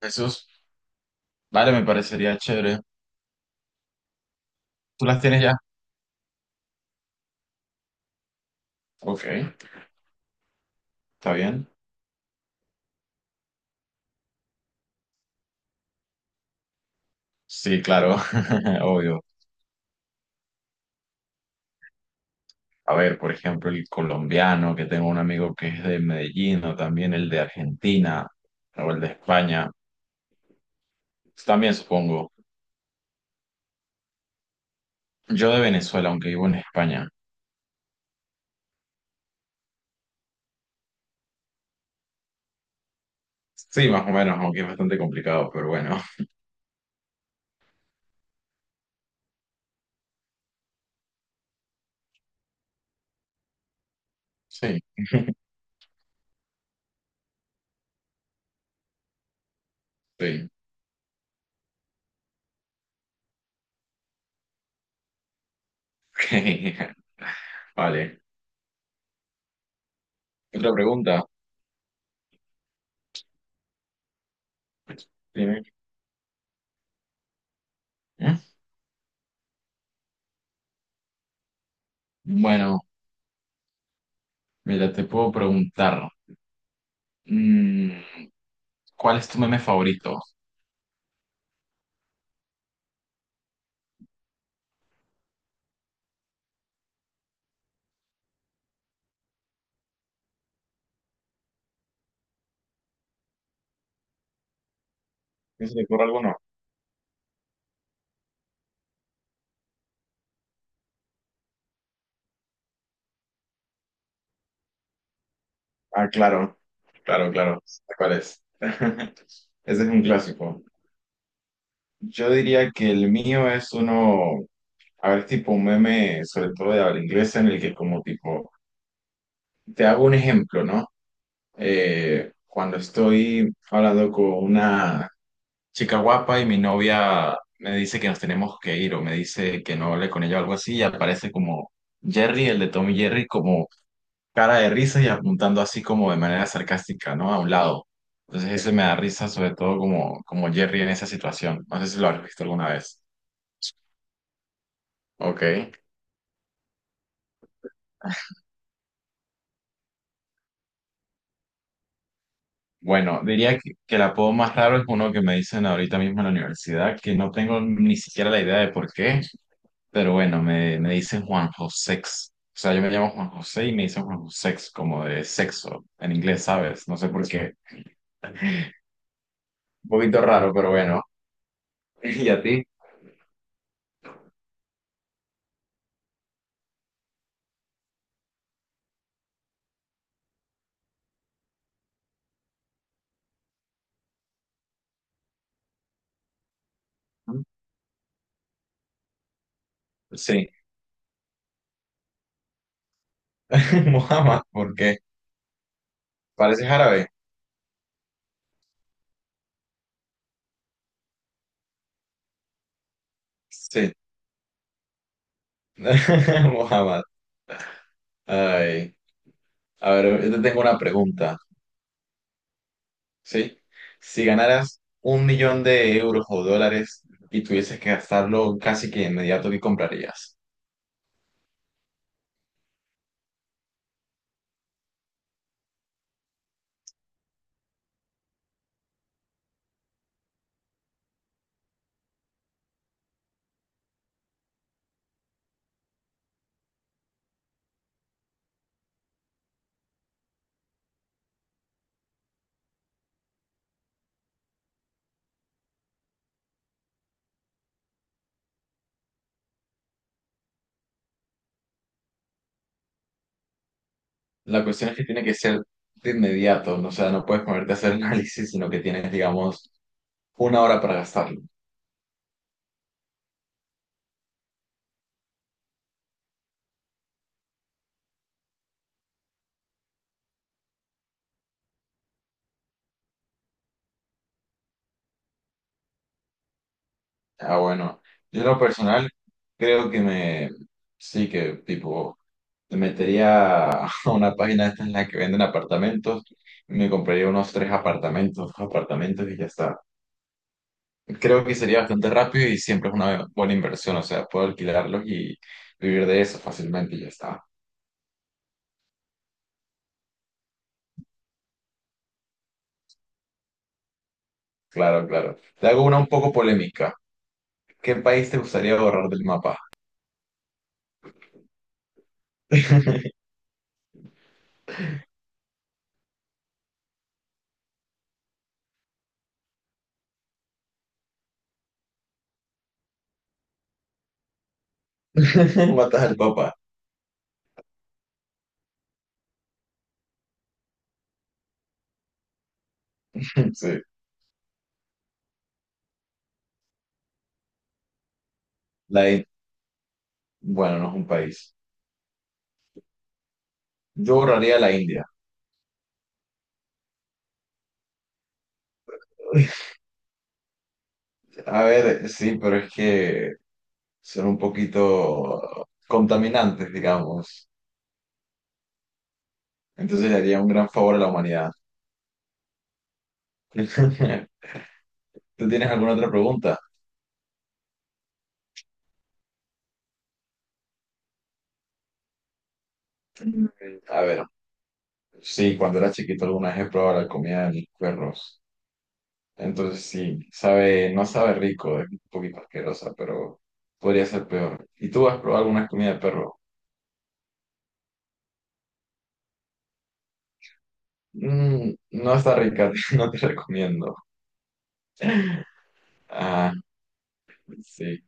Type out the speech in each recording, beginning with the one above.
Jesús, vale, me parecería chévere. ¿Tú las tienes ya? Ok, está bien. Sí, claro, obvio. A ver, por ejemplo, el colombiano, que tengo un amigo que es de Medellín, o también el de Argentina, o el de España. También supongo. Yo de Venezuela, aunque vivo en España. Sí, más o menos, aunque es bastante complicado, pero bueno. Sí, sí. Vale. Otra pregunta. Dime. ¿Eh? Bueno, mira, te puedo preguntar. mm, ¿Cuál es tu meme favorito? ¿No se te ocurre alguno? Ah, claro, claro, claro. ¿Cuál es? Ese es un clásico. Yo diría que el mío es uno, a ver, tipo un meme, sobre todo de habla inglesa, en el que como tipo, te hago un ejemplo, ¿no? Cuando estoy hablando con una chica guapa y mi novia me dice que nos tenemos que ir o me dice que no hable con ella o algo así, y aparece como Jerry, el de Tom y Jerry, como cara de risa y apuntando así como de manera sarcástica, ¿no? A un lado. Entonces eso me da risa, sobre todo como Jerry en esa situación. No sé si lo has visto alguna vez. Ok. Bueno, diría que el apodo más raro es uno que me dicen ahorita mismo en la universidad, que no tengo ni siquiera la idea de por qué, pero bueno, me dicen Juan Josex. O sea, yo me llamo Juan José y me dicen Juan Josex, como de sexo, en inglés, ¿sabes? No sé por qué. Un poquito raro, pero bueno. ¿Y a ti? Sí. Mohamed, ¿por qué? Parece árabe. Sí. Mohamed. Ay. A ver, yo te tengo una pregunta. ¿Sí? Si ganaras 1 millón de euros o dólares y tuvieses que gastarlo casi que de inmediato, ¿qué comprarías? La cuestión es que tiene que ser de inmediato. ¿No? O sea, no puedes ponerte a hacer análisis, sino que tienes, digamos, una hora para gastarlo. Ah, bueno. Yo en lo personal creo que me... Sí, que tipo... Me metería a una página de estas en la que venden apartamentos y me compraría unos tres apartamentos, dos apartamentos y ya está. Creo que sería bastante rápido y siempre es una buena inversión, o sea, puedo alquilarlos y vivir de eso fácilmente y ya está. Claro, claro. Te hago una un poco polémica. ¿Qué país te gustaría borrar del mapa? Matas al Papa. Sí. La In- Bueno, no es un país. Yo borraría la India. A ver, sí, pero es que son un poquito contaminantes, digamos. Entonces le haría un gran favor a la humanidad. ¿Tú tienes alguna otra pregunta? Mm. A ver, sí, cuando era chiquito alguna vez he probado la comida de mis perros. Entonces sí, no sabe rico, es un poquito asquerosa, pero podría ser peor. ¿Y tú has probado alguna comida de perro? Mm, no está rica, no te recomiendo. Ah, sí.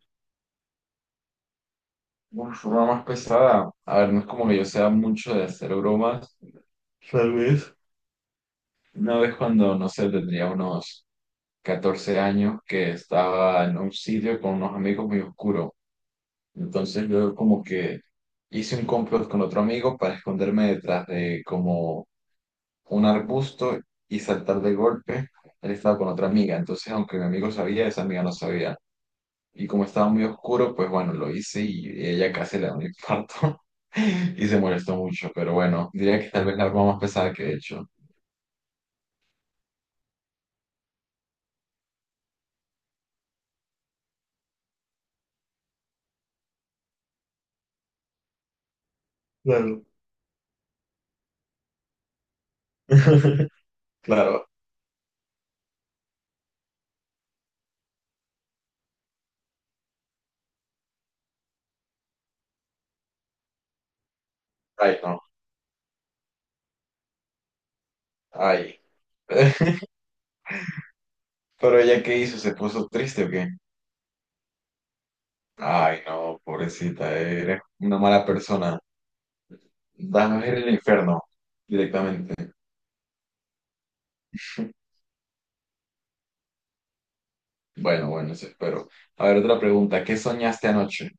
Una forma más pesada. A ver, no es como que yo sea mucho de hacer bromas. Tal vez. Una vez cuando, no sé, tendría unos 14 años que estaba en un sitio con unos amigos muy oscuro. Entonces yo como que hice un complot con otro amigo para esconderme detrás de como un arbusto y saltar de golpe. Él estaba con otra amiga. Entonces, aunque mi amigo sabía, esa amiga no sabía. Y como estaba muy oscuro, pues bueno, lo hice y ella casi le da un infarto y se molestó mucho. Pero bueno, diría que tal vez la broma más pesada que he hecho. Claro. Claro, ay no, ay. Pero ella qué hizo, ¿se puso triste o qué? Ay no, pobrecita, eres una mala persona. Vas a ir al infierno directamente. Bueno, bueno, eso espero. A ver, otra pregunta, ¿qué soñaste anoche?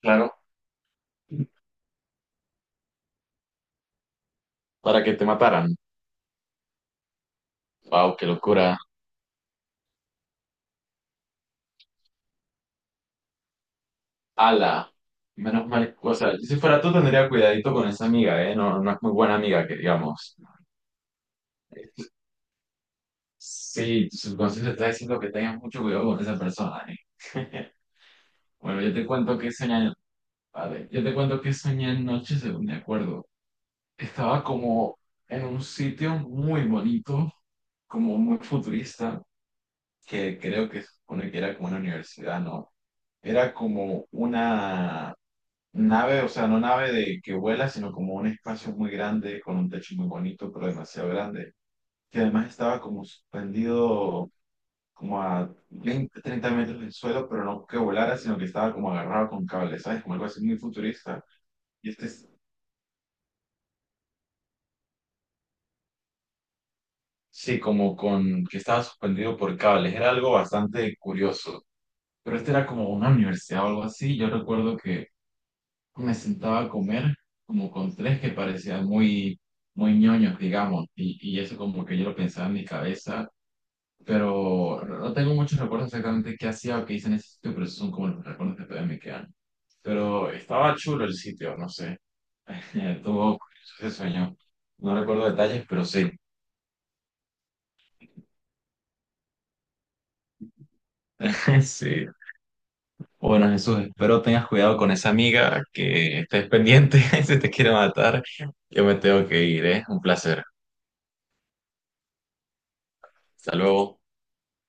Claro, para que te mataran. Wow, qué locura. Ala, menos mal, o sea, yo si fuera tú tendría cuidadito con esa amiga, ¿eh? No, no es muy buena amiga, que digamos. Sí, tu subconsciente está diciendo que tengas mucho cuidado con esa persona, ¿eh? Bueno, yo te cuento que soñé, a ver, yo te cuento que soñé anoche, según me acuerdo. Estaba como en un sitio muy bonito, como muy futurista, que creo que se supone que era como una universidad, ¿no? Era como una nave, o sea, no nave de que vuela, sino como un espacio muy grande, con un techo muy bonito, pero demasiado grande. Que además estaba como suspendido como a 20 30 metros del suelo, pero no que volara, sino que estaba como agarrado con cables, ¿sabes? Como algo así muy futurista. Y este es, sí, como con que estaba suspendido por cables. Era algo bastante curioso. Pero este era como una universidad o algo así. Yo recuerdo que me sentaba a comer como con tres que parecían muy, muy ñoños, digamos, y eso como que yo lo pensaba en mi cabeza, pero no tengo muchos recuerdos exactamente qué hacía o qué hice en ese sitio, pero esos son como los recuerdos que todavía me quedan. Pero estaba chulo el sitio, no sé, tuvo ese sueño. No recuerdo detalles, pero sí. Sí. Bueno, Jesús, espero tengas cuidado con esa amiga que estés pendiente, si te quiere matar. Yo me tengo que ir, ¿eh? Un placer. Hasta luego.